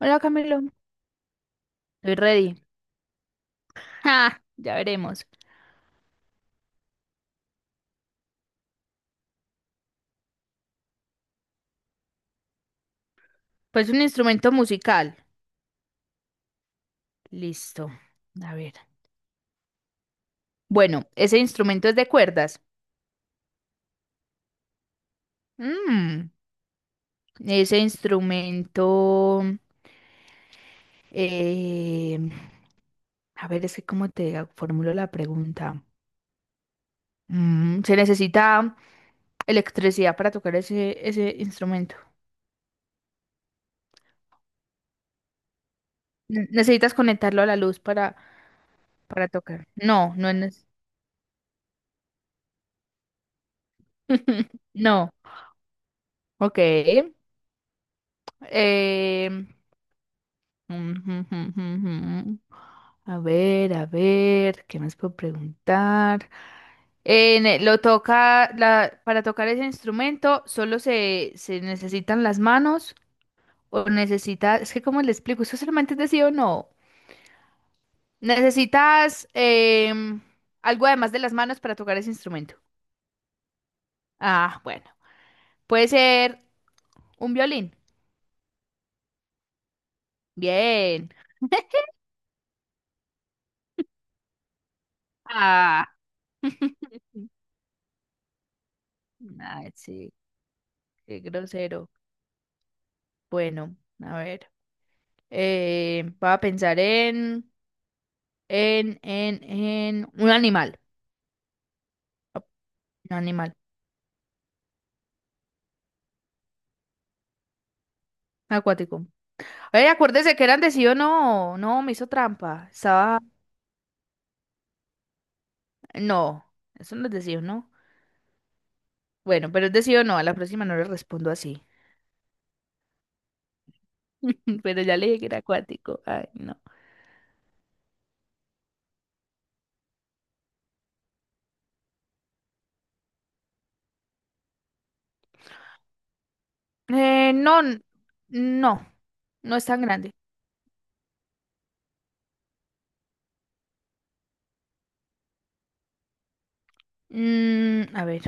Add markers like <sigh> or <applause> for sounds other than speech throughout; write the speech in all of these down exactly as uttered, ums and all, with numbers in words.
Hola Camilo, estoy ready. Ah, ya veremos. Pues un instrumento musical. Listo. A ver. Bueno, ese instrumento es de cuerdas. Mm, ese instrumento. eh, a ver, es que cómo te formulo la pregunta. Mm, ¿se necesita electricidad para tocar ese, ese instrumento? Ne- ¿Necesitas conectarlo a la luz para, para tocar? No, no es. nece- <laughs> No. Ok. Em, Ujujujujú. A ver, a ver, ¿qué más puedo preguntar? En el- lo toca, la, para tocar ese instrumento, solo se, se necesitan las manos o necesita es que cómo le explico, eso solamente es de sí o no. Necesitas em, algo además de las manos para tocar ese instrumento. Ah, bueno, puede ser un violín. Bien. <laughs> Ah, ay, sí, qué grosero. Bueno, a ver. Eh, voy a pensar en, en, en, en un animal. Un animal acuático. Ay, acuérdese que eran de sí o no. No, me hizo trampa. Estaba. No, eso no es de sí o no. Bueno, pero es de sí o no. A la próxima no le respondo así. <laughs> Pero ya le dije que era acuático. Ay, no. Eh, no, n- no. No es tan grande. Mm, a ver.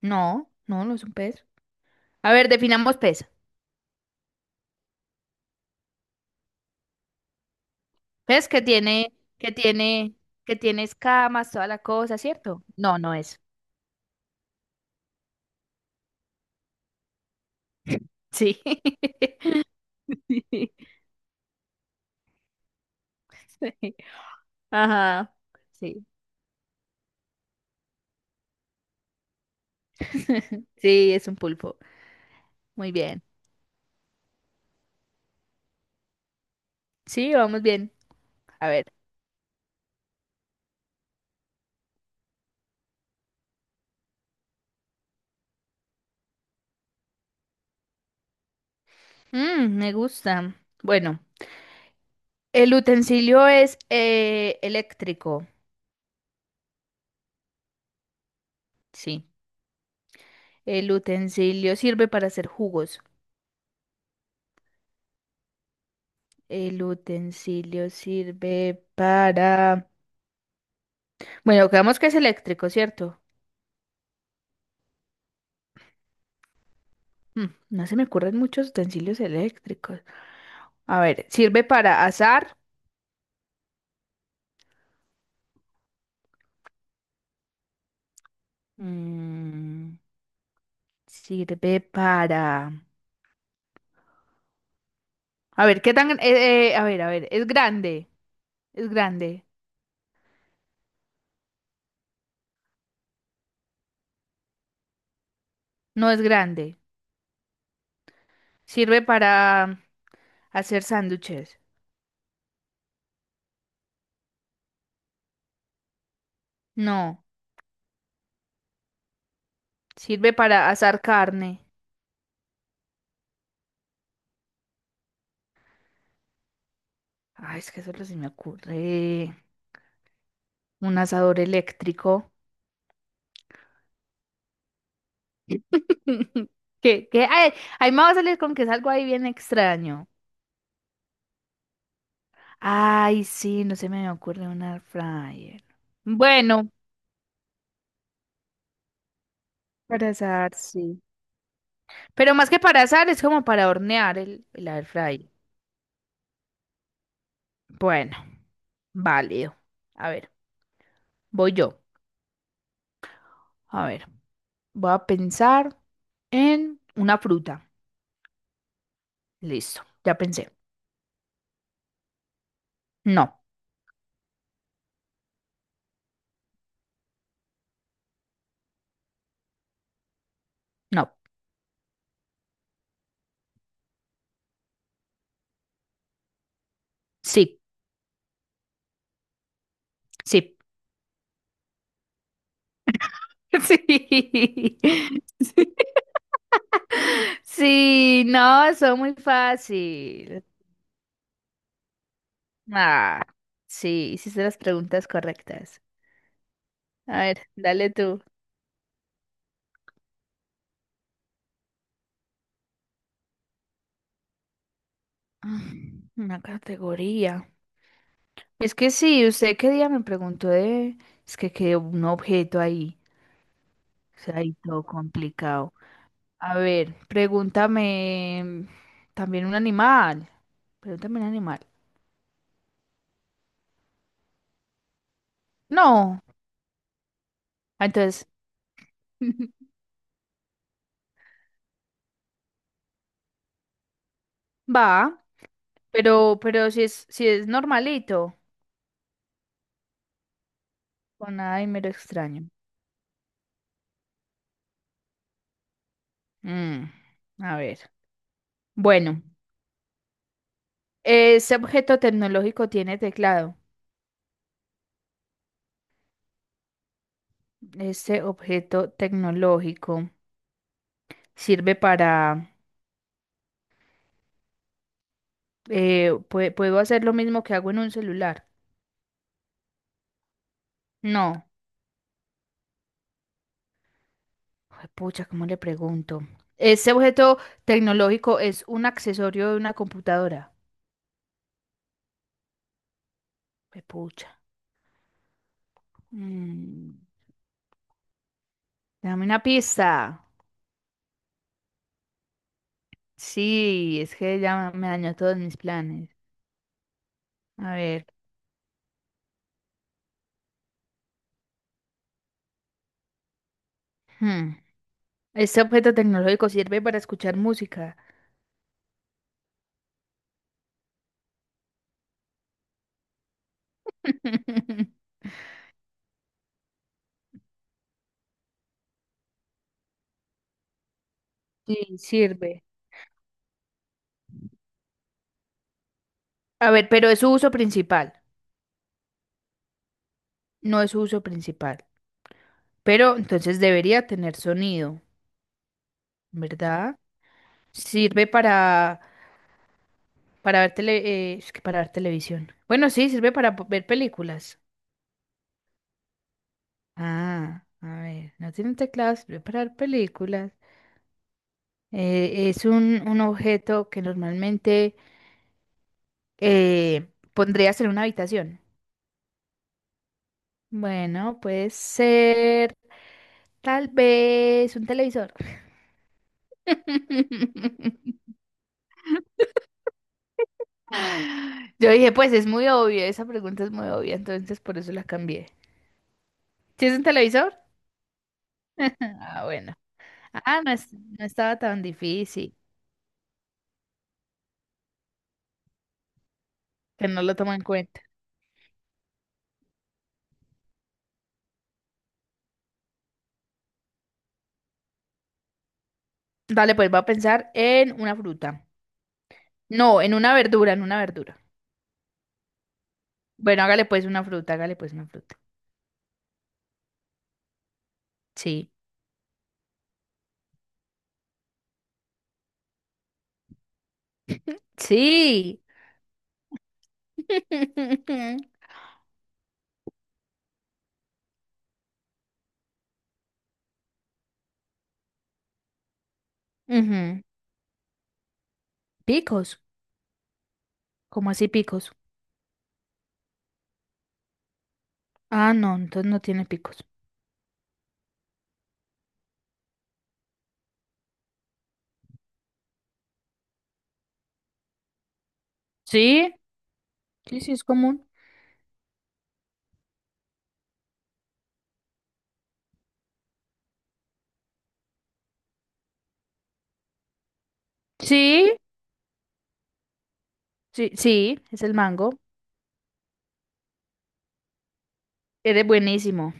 No, no, no es un pez. A ver, definamos pez. ¿Ves que tiene, que tiene, que tiene escamas, toda la cosa, ¿cierto? No, no es. Sí. <laughs> Sí. sí. Ajá. Sí. Sí, es un pulpo. Muy bien. Sí, vamos bien. A ver. Mm, me gusta. Bueno, el utensilio es eh, eléctrico. Sí. El utensilio sirve para hacer jugos. El utensilio sirve para... Bueno, creemos que es eléctrico, ¿cierto? Mm, No se me ocurren muchos utensilios eléctricos. A ver, sirve para asar. Mm, sirve para... A ver, ¿qué tan... eh, eh, a ver, a ver, es grande. Es grande. No es grande. Sirve para hacer sándwiches. No. Sirve para asar carne. Ay, es que solo se me ocurre un asador eléctrico. <laughs> ¿Qué? ¿Qué? Ay, ahí me va a salir con que es algo ahí bien extraño. Ay, sí, no se me ocurre un air fryer. Bueno, para asar, sí. Pero más que para asar, es como para hornear el, el air fryer. Bueno, válido. A ver, voy yo. A ver, voy a pensar en una fruta. Listo, ya pensé. No, no. Sí, sí. <laughs> Sí. Sí, no, son muy fácil. Ah, sí, hiciste las preguntas correctas. A ver, dale tú. Ah, una categoría. Es que sí, usted qué día me preguntó de... Es que quedó un objeto ahí. O sea, ahí todo complicado. A ver, pregúntame también un animal. Pregúntame un animal. No. Ah, entonces, <laughs> va, pero, pero si es, si es normalito. Con nada y mero extraño. Mm, a ver. Bueno, ese objeto tecnológico tiene teclado. Este objeto tecnológico sirve para... eh, pue- ¿puedo hacer lo mismo que hago en un celular? No. Ay, pucha, ¿cómo le pregunto? ¿Ese objeto tecnológico es un accesorio de una computadora? Ay, pucha. Mm, dame una pista. Sí, es que ya me dañó todos mis planes. A ver. hmm, ¿Este objeto tecnológico sirve para escuchar música? <laughs> Sí, sirve. A ver, pero es su uso principal. No es su uso principal, pero entonces debería tener sonido, ¿verdad? Sirve para, para ver tele, eh, es que para ver televisión. Bueno, sí, sirve para po- ver películas. Ah, a ver, no tiene teclado, sirve para ver películas. Eh, es un, un objeto que normalmente eh, pondrías en una habitación. Bueno, puede ser tal vez un televisor. <laughs> Yo dije, pues es muy obvio, esa pregunta es muy obvia, entonces por eso la cambié. ¿Sí es un televisor? Ah, bueno. Ah, no, es- no estaba tan difícil, que no lo tomo en cuenta. Dale, pues va a pensar en una fruta. No, en una verdura, en una verdura. Bueno, hágale pues una fruta, hágale pues una fruta. Sí. <laughs> Sí. <laughs> Ujú. Picos. ¿Cómo así picos? Ah, no, entonces no tiene picos. Sí, sí, sí, es común. Sí, sí, sí, es el mango. Eres buenísimo.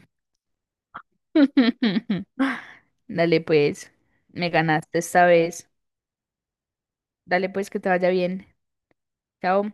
<laughs> Dale pues, me ganaste esta vez. Dale pues que te vaya bien. Chao.